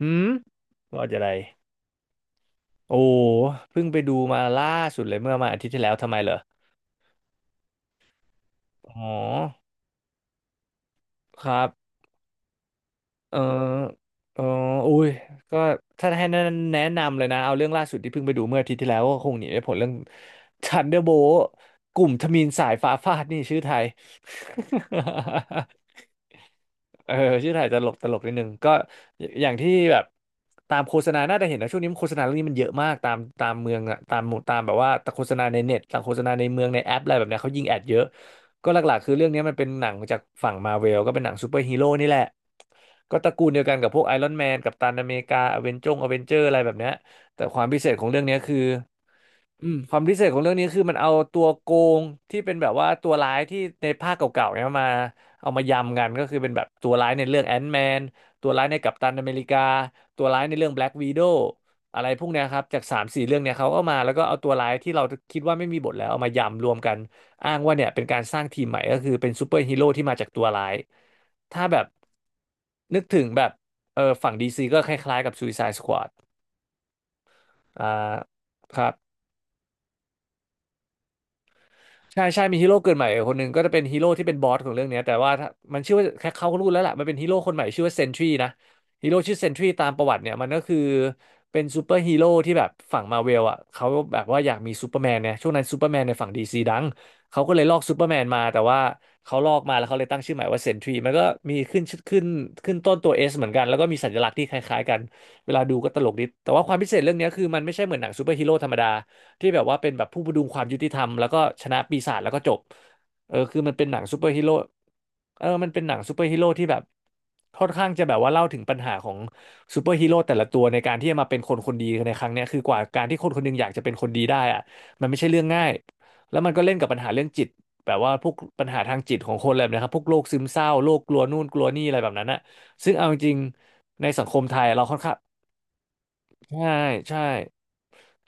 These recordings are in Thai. หืมว่าจะอะไรโอ้เพิ่งไปดูมาล่าสุดเลยเมื่อมาอาทิตย์ที่แล้วทำไมเหรอ อ๋อ ครับ เออเอออุ้ยก็ถ้าให้แนะนำเลยนะเอาเรื่องล่าสุดที่เพิ่งไปดูเมื่ออาทิตย์ที่แล้วก็คงหนีไม่พ้นเรื่อง Thunderbolt กลุ่มทมิฬสายฟ้าฟาดนี่ชื่อไทย เออชื่อถ่ายตลกตลกนิดนึงก็อย่างที่แบบตามโฆษณาน่าจะเห็นนะช่วงนี้โฆษณาเรื่องนี้มันเยอะมากตามเมืองอะตามหมู่ตามแบบว่าโฆษณาในเน็ตตามโฆษณาในเมืองในแอปอะไรแบบเนี้ยเขายิงแอดเยอะ ก็หลักๆคือเรื่องนี้มันเป็นหนังจากฝั่งมาเวลก็เป็นหนังซูเปอร์ฮีโร่นี่แหละก็ตระกูลเดียวกันกับพวกไอรอนแมนกัปตันอเมริกาอเวนจงอเวนเจอร์อะไรแบบเนี้ยแต่ความพิเศษของเรื่องนี้คืออืมความพิเศษของเรื่องนี้คือมันเอาตัวโกงที่เป็นแบบว่าตัวร้ายที่ในภาคเก่าๆเนี่ยมาเอามายำกันก็คือเป็นแบบตัวร้ายในเรื่องแอนท์แมนตัวร้ายในกัปตันอเมริกาตัวร้ายในเรื่องแบล็กวีโดอะไรพวกเนี้ยครับจากสามสี่เรื่องเนี่ยเขาก็มาแล้วก็เอาตัวร้ายที่เราคิดว่าไม่มีบทแล้วเอามายำรวมกัน อ้างว่าเนี่ยเป็นการสร้างทีมใหม่ก็คือเป็นซูเปอร์ฮีโร่ที่มาจากตัวร้ายถ้าแบบนึกถึงแบบเออฝั่งดีซีก็คล้ายๆกับ Suicide Squad อ่าครับ ใช่ใช่มีฮีโร่เกิดใหม่คนหนึ่งก็จะเป็นฮีโร่ที่เป็นบอสของเรื่องเนี้ยแต่ว่าถ้ามันชื่อว่าแค่เขาก็รู้แล้วล่ะมันเป็นฮีโร่คนใหม่ชื่อว่าเซนทรีนะฮีโร่ชื่อเซนทรีตามประวัติเนี่ยมันก็คือเป็นซูเปอร์ฮีโร่ที่แบบฝั่งมาเวลอ่ะเขาแบบว่าอยากมีซูเปอร์แมนเนี่ยช่วงนั้นซูเปอร์แมนในฝั่งดีซีดังเขาก็เลยลอกซูเปอร์แมนมาแต่ว่าเขาลอกมาแล้วเขาเลยตั้งชื่อใหม่ว่าเซนทรีมันก็มีขึ้นต้นตัวเอสเหมือนกันแล้วก็มีสัญลักษณ์ที่คล้ายๆกันเวลาดูก็ตลกดีแต่ว่าความพิเศษเรื่องเนี้ยคือมันไม่ใช่เหมือนหนังซูเปอร์ฮีโร่ธรรมดา ที่แบบว่าเป็นแบบผู้ประดุงความยุติธรรมแล้วก็ชนะปีศาจแล้วก็จบเออคือมันเป็นหนังซูเปอร์ฮีโร่เออมันเป็นหนังซูเปอร์ฮีโร่ที่แบบค่อนข้างจะแบบว่าเล่าถึงปัญหาของซูเปอร์ฮีโร่แต่ละตัวในการที่จะมาเป็นคนคนดีในครั้งเนี้ยคือกว่าการที่คนคนหนึงอยากจะเป็นคนดีได้อะมันไม่ใช่เรื่องง่าย แล้วมันก็เล่นกับปัญหาเรื่องจิตแบบว่าพวกปัญหาทางจิตของคนอะไรแบบนะครับ พวกโรคซึมเศร้าโรคกลัวนู่นกลัวนี่อะไรแบบนั้นอะซึ่งเอาจริงๆในสังคมไทยเราค่อนข้างใช่ใช่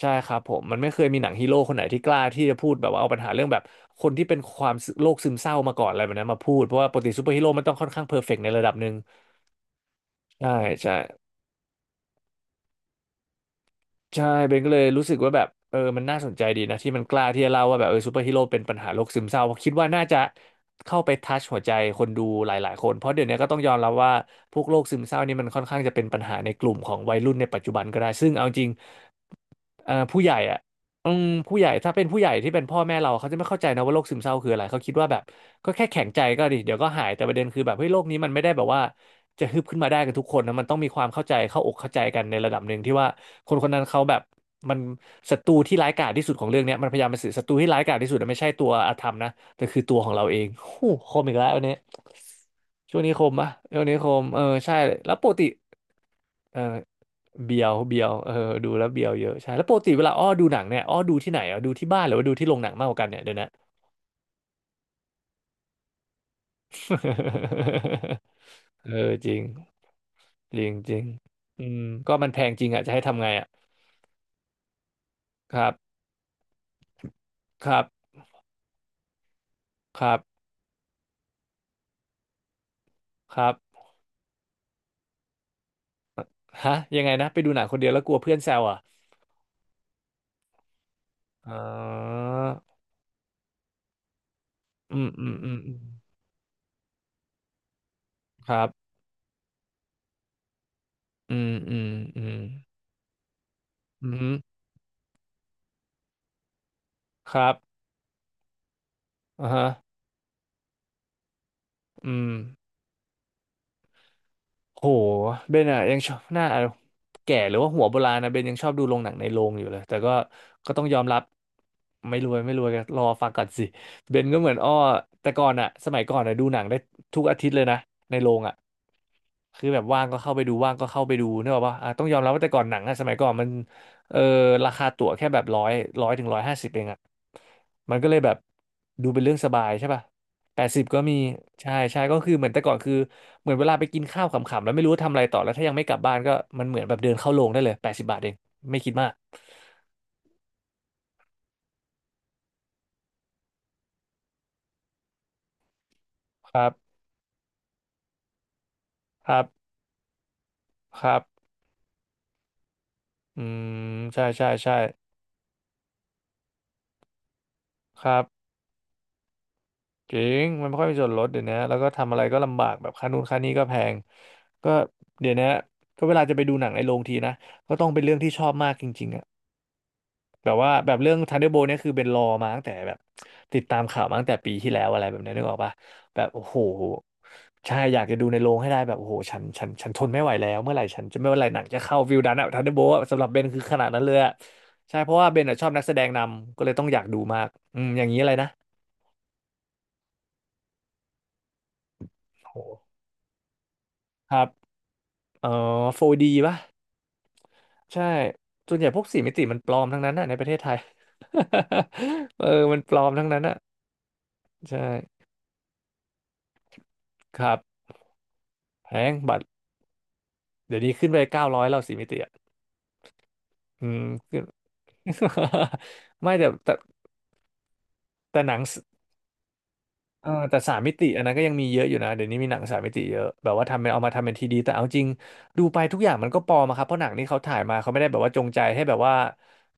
ใช่ครับผมมันไม่เคยมีหนังฮีโร่คนไหนที่กล้าที่จะพูดแบบว่าเอาปัญหาเรื่องแบบคนที่เป็นความซึโรคซึมเศร้ามาก่อนอะไรแบบนั้นมาพูดเพราะว่าปกติซูเปอร์ฮีโร่มันต้องค่อนข้างเพอร์เฟกต์ในระดับหนึ่งใช่ใช่ ใช่เบนก็เลยรู้สึกว่าแบบเออมันน่าสนใจดีนะที่มันกล้าที่จะเล่าว่าแบบเออซูเปอร์ฮีโร่เป็นปัญหาโรคซึมเศร้าเพราะคิดว่าน่าจะเข้าไปทัชหัวใจคนดูหลายๆคนเพราะเดี๋ยวนี้ก็ต้องยอมรับว่าพวกโรคซึมเศร้านี่มันค่อนข้างจะเป็นปัญหาในกลุ่มของวัยรุ่นในปัจจุบันก็ได้ซึ่งเอาจริงผู้ใหญ่อ่ะอืมผู้ใหญ่ถ้าเป็นผู้ใหญ่ที่เป็นพ่อแม่เราเขาจะไม่เข้าใจนะว่าโรคซึมเศร้าคืออะไรเขาคิดว่าแบบก็แค่แข็งใจก็ดิเดี๋ยวก็หายแต่ประเด็นคือแบบเฮ้ยโรคนี้มันไม่ได้แบบว่า จะฮึบขึ้นมาได้กันทุกคนนะมันต้องมีความเข้าใจเข้าอกเข้าใจกันในระดับหนึ่งที่ว่าคนคนนั้นเขาแบบมันศัตรูที่ร้ายกาจที่สุดของเรื่องเนี้ยมันพยายามเป็นสื่อศัตรูที่ร้ายกาจที่สุดอะไม่ใช่ตัวอาธรรมนะแต่คือตัวของเราเองโอ้โหคมอีกแล้วอันเนี้ยช่วงนี้คมปะช่วงนี้คมเออใช่แล้วปกติเออเบียวเบียวเออดูแล้วเบียวเยอะใช่แล้วปกติเวลาอ้อดูหนังเนี่ยอ้อดูที่ไหนอ่ะดูที่บ้านหรือว่าดูที่โรงหนังมากกว่ากันเนี่ยเดี๋ยวนะ เออจริงจริงจริงอืมก็มันแพงจริงอ่ะจะให้ทำไงอ่ะ ครับครับครับครับฮะยังไงนะไปดูหนังคนเดียวแล้วกลัวเพื่อนแซวอ่ะอ๋ออืมอืมอืมอืมครับอืมอืมอืมอืมครับอ่าฮะอืม โหเบนอะยังชอบหน้าแก่หรือว่าหัวโบราณนะเบนยังชอบดูโรงหนังในโรงอยู่เลยแต่ก็ก็ต้องยอมรับไม่รวยไม่รวยก็รอฟังก่อนสิเบนก็เหมือนอ้อแต่ก่อนอะสมัยก่อนอะดูหนังได้ทุกอาทิตย์เลยนะในโรงอะคือแบบว่างก็เข้าไปดูว่างก็เข้าไปดูเนกอะป่ะอ่ะต้องยอมรับว่าแต่ก่อนหนังอะสมัยก่อนมันเออราคาตั๋วแค่แบบร้อยถึงร้อยห้าสิบเองอะมันก็เลยแบบดูเป็นเรื่องสบายใช่ป่ะ แปดสิบก็มีใช่ใช่ก็คือเหมือนแต่ก่อนคือเหมือนเวลาไปกินข้าวขำๆแล้วไม่รู้ว่าทำอะไรต่อแล้วถ้ายังไม่กลับบ้านก็มันเหมือนแบบเดินเข้าโรงได้เลยแปดสิบบาทเองไม่คิดมากครับครับครับอืมใช่ใช่ใช่ครับจริงมันไม่ค่อยมีส่วนลดเดี๋ยวนี้แล้วก็ทำอะไรก็ลำบากแบบค่านู่นค่านี้ก็แพงก็เดี๋ยวนี้ก็เวลาจะไปดูหนังในโรงทีนะก็ต้องเป็นเรื่องที่ชอบมากจริงๆอะ แบบว่าแบบเรื่องทันเดอร์โบเนี่ยคือเป็นรอมาตั้งแต่แบบติดตามข่าวมาตั้งแต่ปีที่แล้วอะไรแบบเนี้ยนึกออกปะแบบโอ้โหใช่อยากจะดูในโรงให้ได้แบบโอ้โหฉันทนไม่ไหวแล้วเมื่อไหร่ฉันจะไม่เมื่อไหร่หนังจะเข้าวิวดันอะทันเดอร์โบสำหรับเบนคือขนาดนั้นเลยอะใช่เพราะว่าเบนอะชอบนักแสดงนำก็เลยต้องอยากดูมากอืมอย่างนี้อะไรนะโอ้โหครับเอ่โฟร์ดีป่ะใช่ส่วนใหญ่พวกสี่มิติมันปลอมทั้งนั้นอะในประเทศไทย เออมันปลอมทั้งนั้นอะใช่ครับแพงบัตร เดี๋ยวนี้ขึ้นไปเก้าร้อยแล้วสี่มิติอ่ะอืมขึ้น ไม่แต่แต่หนัง เออแต่สามมิติอันนั้นก็ยังมีเยอะอยู่นะเดี๋ยวนี้มีหนังสามมิติเยอะแบบว่าทำเป็นเอามาทำเป็นทีดีแต่เอาจริงดูไปทุกอย่างมันก็ปลอมอะครับเพราะหนังนี่เขาถ่ายมาเขาไม่ได้แบบว่าจงใจให้แบบว่า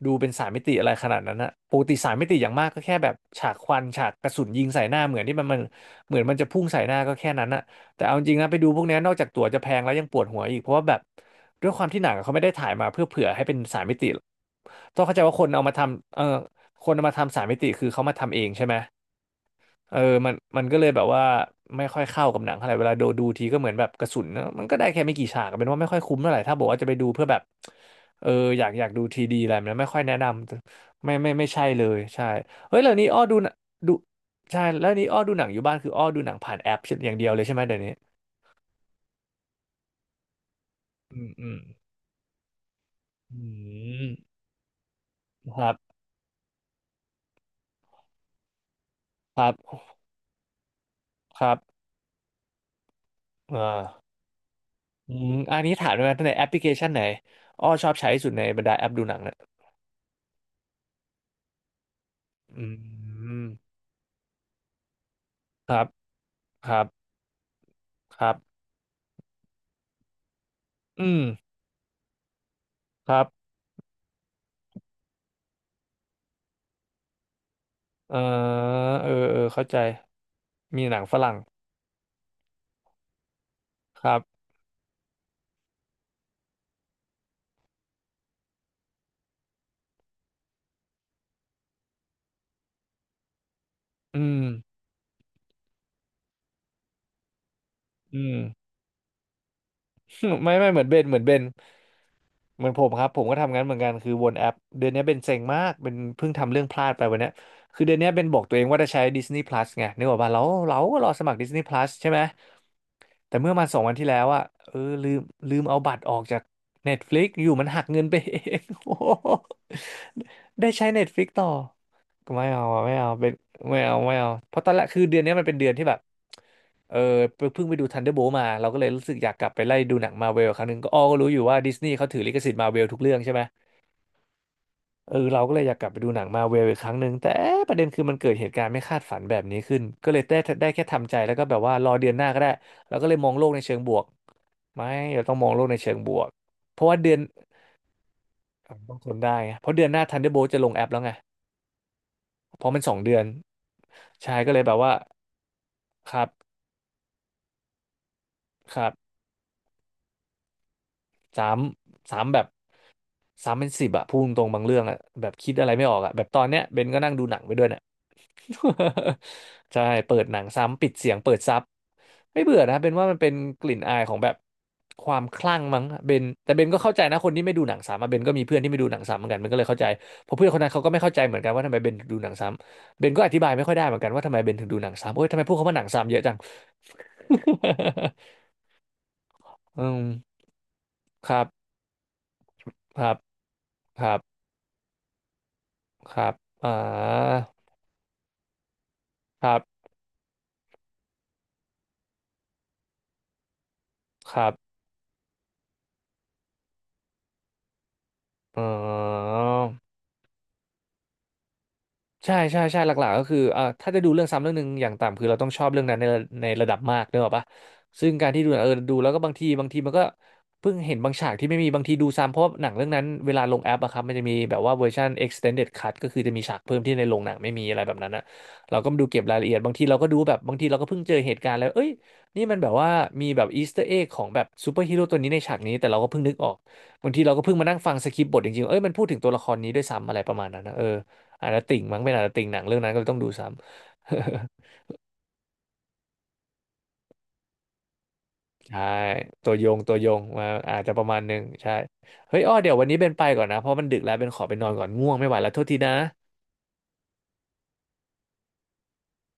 ดูเป็นสามมิติอะไรขนาดนั้นนะปกติสามมิติอย่างมากก็แค่แบบฉากควันฉากกระสุนยิงใส่หน้าเหมือนที่มันเหมือนมันจะพุ่งใส่หน้าก็แค่นั้นอะแต่เอาจริงนะไปดูพวกเนี้ยนอกจากตั๋วจะแพงแล้วยังปวดหัวอีกเพราะว่าแบบด้วยความที่หนังอะเขาไม่ได้ถ่ายมาเพื่อเผื่อให้เป็นสามมิติต้องเข้าใจว่าคนเอามาทำเออคนเอามาทำสามมิติคือเขามาทำเองใช่ไหม เออมันก็เลยแบบว่าไม่ค่อยเข้ากับหนังเท่าไหร่เวลาดูดูทีก็เหมือนแบบกระสุนนะมันก็ได้แค่ไม่กี่ฉากเป็นว่าไม่ค่อยคุ้มเท่าไหร่ถ้าบอกว่าจะไปดูเพื่อแบบเอออยากดูทีดีอะไรแบบนั้นไม่ค่อยแนะนำไม่ไม่ใช่เลยใช่เฮ้ยแล้วนี้อ้อดูหนังดูใช่แล้วนี้อ้อดูหนังอยู่บ้านคืออ้อดูหนังผ่านแอปอย่างเดียวเลยใช่ไหมเดี๋ยวนี้อืมอืมอืมครับครับครับอ่าอืมอันนี้ถามด้วยนะในแอปพลิเคชันไหนอ้อชอบใช้ที่สุดในบรรดาแอปดูหนังเนี่ยอืมครับครับ ครับอืมครับเออเออเออเข้าใจ มีหนังฝรั่งครับอืมอืม ไม่เหมือนเบนเหมือนผมครับผมก็ทำงั้นเหมือนกันคือวนแอปเดือนนี้เบนเซ็งมากเป็นเพิ่งทำเรื่องพลาดไปวันเนี้ยคือเดือนนี้เบนบอกตัวเองว่าจะใช้ Disney Plus ไงนึกออกป่ะเราเราก็รอสมัคร Disney Plus ใช่ไหม แต่เมื่อมาสองวันที่แล้วอะเออลืมลืมเอาบัตรออกจาก Netflix อยู่มันหักเงินไปเอง โอ้โหได้ใช้ Netflix ต่อ ก็ไม่เอาอะไม่เอาเป็นไม่เอา เพราะตอนแรกคือเดือนนี้มันเป็นเดือนที่แบบเออเพิ่งไปดู Thunderbolt มาเราก็เลยรู้สึกอยากกลับไปไล่ดูหนังมาเวลครั้งหนึ่งก็อ้อก็รู้อยู่ว่าดิสนีย์เขาถือลิขสิทธิ์มาเวลทุกเรื่องใช่ไหม เออเราก็เลยอยากกลับไปดูหนังมาเวลอีกครั้งหนึ่งแต่เอ๊ะประเด็นคือมันเกิดเหตุการณ์ไม่คาดฝันแบบนี้ขึ้นก็เลยได้แค่ทำใจแล้วก็แบบว่ารอเดือนหน้าก็ได้แล้วก็เลยมองโลกในเชิงบวกไม่เราต้องมองโลกในเชิงบวกเพราะว่าเดือนอ่ะต้องทนได้ไงเพราะเดือนหน้า Thunderbolt จะลงแอปแล้วไงเพราะมันสองเดือนใช่ก็เลยแบบว่าครับครับสามสามแบบ สามเป็นสิบอะพูดตรงๆบางเรื่องอะแบบคิดอะไรไม่ออกอะแบบตอนเนี้ยเบนก็นั่งดูหนังไปด้วยเนี่ย ใช่เปิดหนังซ้ำปิดเสียงเปิดซับไม่เบื่อนะเบนว่ามันเป็นกลิ่นอายของแบบความคลั่งมั้งเบนแต่เบนก็เข้าใจนะคนที่ไม่ดูหนังซ้ำอะเบนก็มีเพื่อนที่ไม่ดูหนังซ้ำเหมือนกันเบนก็เลยเข้าใจเพราะเพื่อนคนนั้นเขาก็ไม่เข้าใจเหมือนกันว่าทำไมเบนถึงดูหนังซ้ำเบนก็อธิบายไม่ค่อยได้เหมือนกันว่าทำไมเบนถึงดูหนังซ้ำโอ๊ยทำไมพวกเขาว่าหนังซ้ำเยอะจัง อืมครับครับครับครับอ่าครับ ครับอ๋อ ใช่ใช่ใช่หลักๆก็คือเอ่าถ้าจะดูเรื่องซ้ำเรื่องหนึ่งอย่างต่ำคือเราต้องชอบเรื่องนั้นในระดับมากเนกอะปะซึ่งการที่ดูดูแล้วก็บางทีมันก็เพิ่งเห็นบางฉากที่ไม่มีบางทีดูซ้ำเพราะหนังเรื่องนั้นเวลาลงแอปอะครับมันจะมีแบบว่าเวอร์ชัน extended cut ก็คือจะมีฉากเพิ่มที่ในโรงหนังไม่มีอะไรแบบนั้นอะเราก็มาดูเก็บรายละเอียดบางทีเราก็ดูแบบบางทีเราก็เพิ่งเจอเหตุการณ์แล้วเอ้ยนี่มันแบบว่ามีแบบอีสเตอร์เอ็กของแบบซูเปอร์ฮีโร่ตัวนี้ในฉากนี้แต่เราก็เพิ่งนึกออกบางทีเราก็เพิ่งมานั่งฟังสคริปต์บทจริงๆเอ้ยมันพูดถึงตัวละครนี้ด้วยซ้ำอะไรประมาณนั้นนะเออ อาราติ่งมั้งเป็นอาราติ่งหนังเรื่องนั้นก็เลยต้องดูซ้ำ ใช่ตัวโยงมาอาจจะประมาณหนึ่งใช่เฮ้ยอ้อเดี๋ยววันนี้เป็นไปก่อนนะเพราะมันดึกแล้วเป็นขอไปนอนก่อนง่วงไม่ไหวแล้วโทษทีนะ